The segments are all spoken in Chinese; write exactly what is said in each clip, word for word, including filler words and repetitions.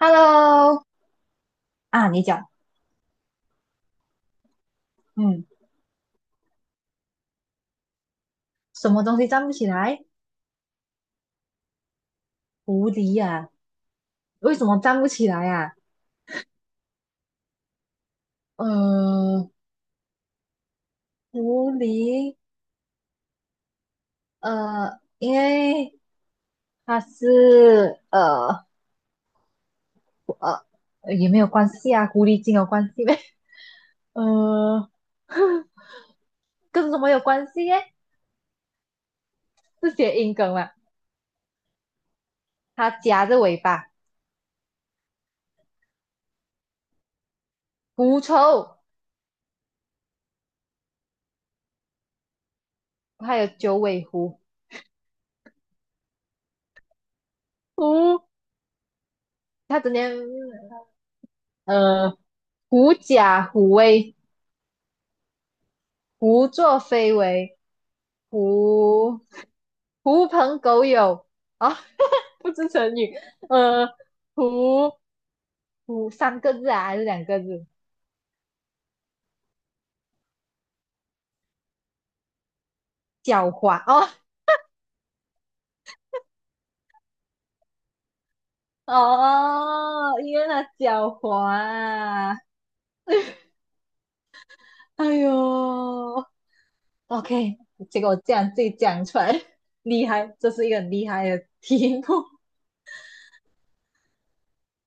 Hello，啊，你讲，嗯，什么东西站不起来？狐狸呀？为什么站不起来呀？呃，狐狸，呃，因为它是，呃，呃，也没有关系啊，狐狸精有关系呗？呃，跟什么有关系耶？是谐音梗嘛？它夹着尾巴，狐臭，还有九尾狐，狐，它整天，呃，狐假虎威，胡作非为。狐狐朋狗友啊，不知成语，呃，狐狐三个字啊还是两个字？狡猾哦。哦，因为那狡猾啊，哎呦，OK，结果这样自己讲出来，厉害，这是一个很厉害的题目，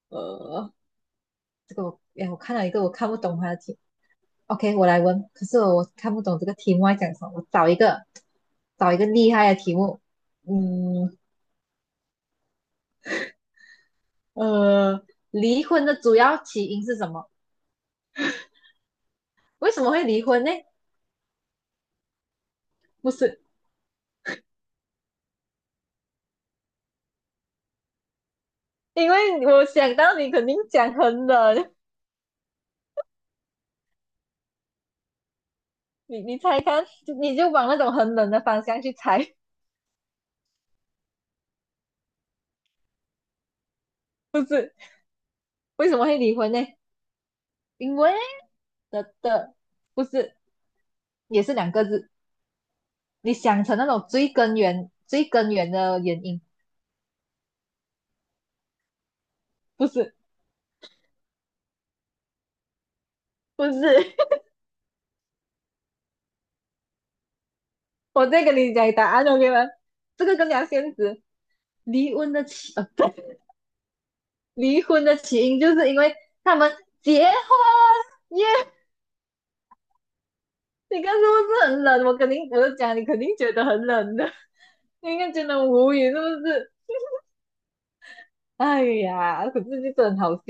呃，这个哎，我看到一个我看不懂它的题。 OK，我来问。可是我看不懂这个题目要讲什么，我找一个找一个厉害的题目。嗯。呃，离婚的主要起因是什么？为什么会离婚呢？不是，因为我想到你肯定讲很冷，你你猜看，就你就往那种很冷的方向去猜，不是？为什么会离婚呢？因为的的，不是，也是两个字。你想成那种最根源、最根源的原因，不是，不是。我再跟你讲答案，OK 吗？这个更加现实。离婚的起，呃，不，离婚的起因就是因为他们结婚耶。你看是不是很冷？我肯定，我就讲你肯定觉得很冷的，你应该觉得无语是不是？哎呀，可是就是很好笑。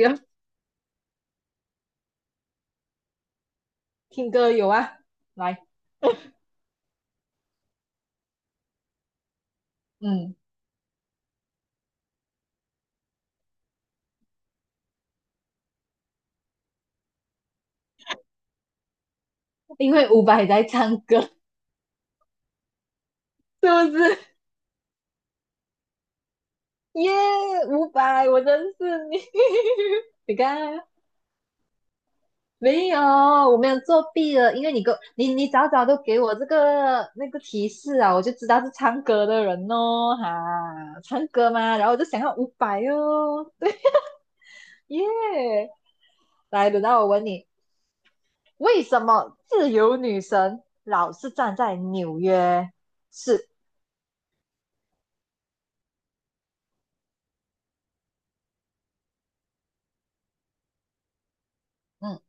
听歌有啊，来，嗯，因为伍佰在唱歌，是不是？耶，伍佰，我认识你，你看。没有，我没有作弊了，因为你给我你你早早都给我这个那个提示啊，我就知道是唱歌的人哦，哈，唱歌嘛，然后我就想要五百哦，对，耶，来，轮到我问你，为什么自由女神老是站在纽约？是，嗯，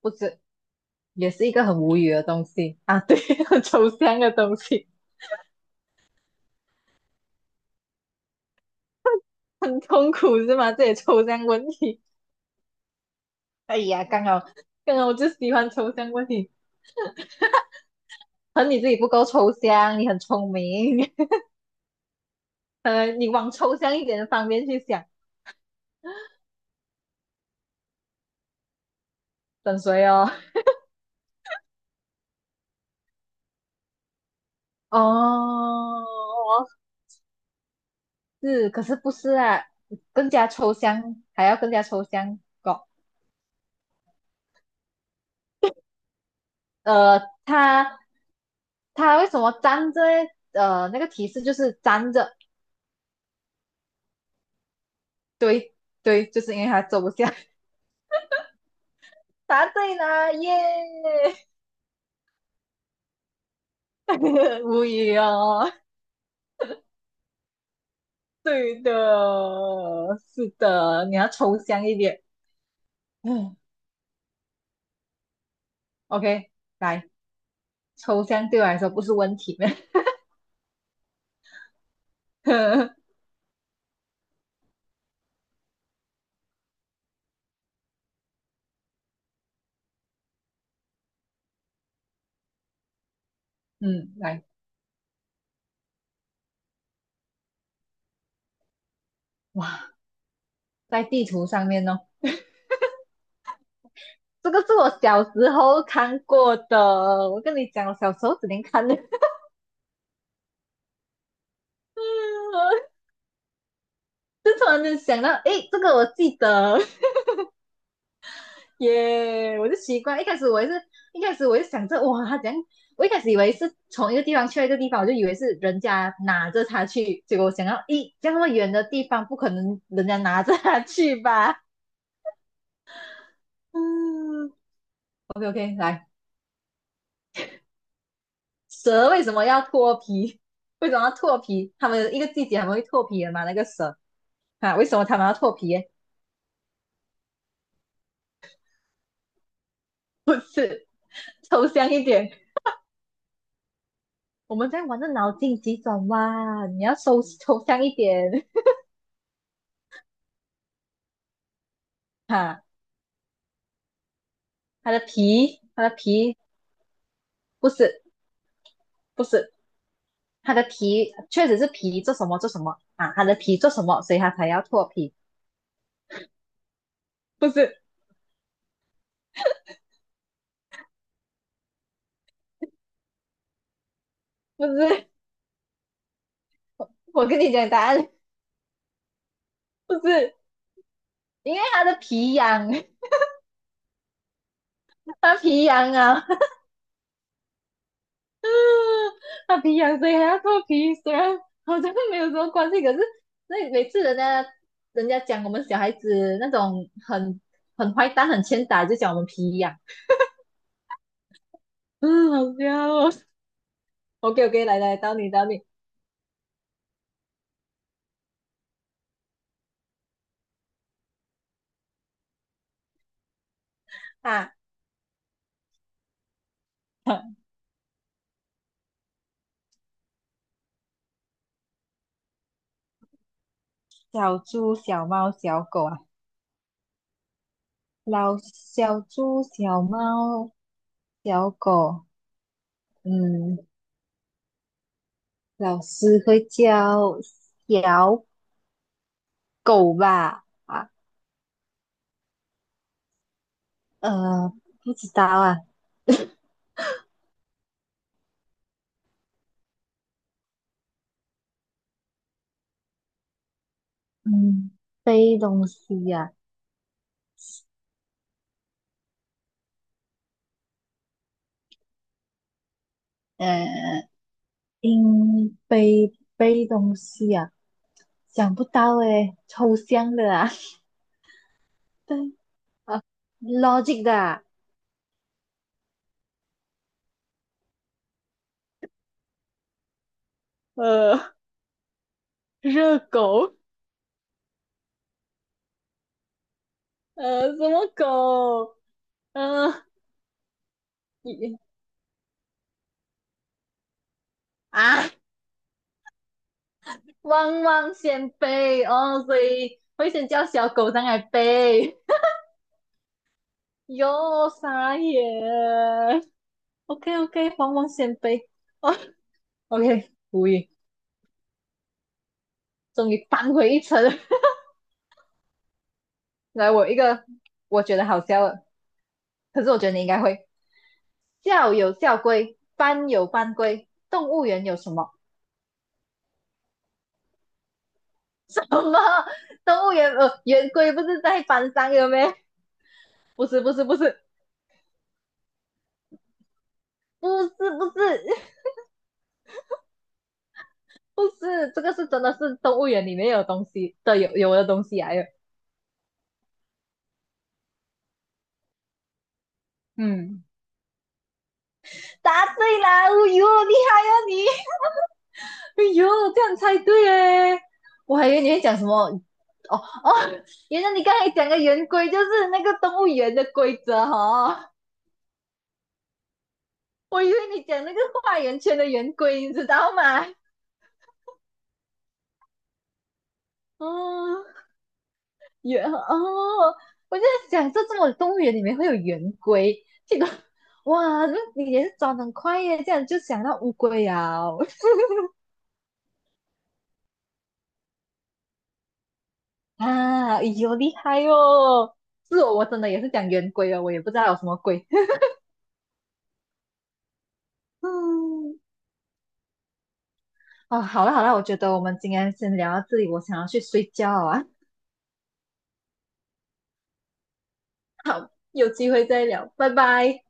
不是，也是一个很无语的东西啊，对，很抽象的东西，很痛苦是吗？这也抽象问题，哎呀，刚好刚好我就喜欢抽象问题。可能你自己不够抽象，你很聪明，呃，你往抽象一点的方面去想，等谁哦？哦，是，可是不是啊？更加抽象，还要更加抽象搞。呃，他他为什么粘着嘞？呃，那个提示就是粘着，对对，就是因为他走不下。答对啦，耶！无语哦，对的，是的，你要抽象一点。嗯，OK，来。抽象对我来说不是问题的。嗯，来，哇，在地图上面哦，这个是我小时候看过的。我跟你讲，我小时候只能看的。就突然间想到，诶，这个我记得耶 yeah, 我就奇怪，一开始我也是，一开始我就想着，哇，他怎样？我一开始以为是从一个地方去到一个地方，我就以为是人家拿着它去，结果我想到，咦，这样那么远的地方，不可能人家拿着它去吧？嗯，OK OK，来，蛇为什么要脱皮？为什么要脱皮？他们一个季节很们会脱皮的嘛？那个蛇啊，为什么他们要脱皮？不是，抽象一点，我们在玩的脑筋急转弯，你要抽抽象一点哈。它的皮，它的皮不是不是，它的皮确实是皮做什么做什么啊？它的皮做什么，所以它才要脱皮？不是不是，我跟你讲答案，不是，因为它的皮痒，它皮痒啊。他皮痒谁还要脱皮？虽然好像没有什么关系，可是那每次人家人家讲我们小孩子那种很很坏蛋、很欠打，就讲我们皮痒，嗯，好笑哦。OK OK，来来，到你到你啊，小猪、小猫、小狗啊，老小猪、小猫、小狗，嗯，老师会叫小狗吧？啊，呃，不知道啊。嗯，背东西呀？呃，应背背东西呀？想不到诶，抽象的啊，对啊，logic 的啊，呃，热狗，呃，什么狗？呃，一啊，汪汪先背哦，所以会先叫小狗上来背，哟，傻眼，OK OK，汪汪先背，哦，OK，无语，终于扳回一城。来，我一个我觉得好笑的，可是我觉得你应该会。校有校规，班有班规，动物园有什么？什么？动物园呃，园规不是在班上有没？不是，不是，不是，不是，不是，不是，这个是真的是动物园里面有东西的，有有的东西来有。嗯，答对了，哦哟，厉害哦你！哎呦，这样猜对哎！我还以为你会讲什么哦哦，原来你刚才讲的圆规就是那个动物园的规则哈。哦我以为你讲那个画圆圈的圆规，你知道吗？哦，圆哦，我就在想，这这么动物园里面会有圆规，这个哇，那你也是转很快耶，这样就想到乌龟啊啊，哎呦厉害哦！是我，我真的也是讲圆规哦，我也不知道有什么龟。嗯，哦，好了好了，我觉得我们今天先聊到这里，我想要去睡觉啊，有机会再聊，拜拜。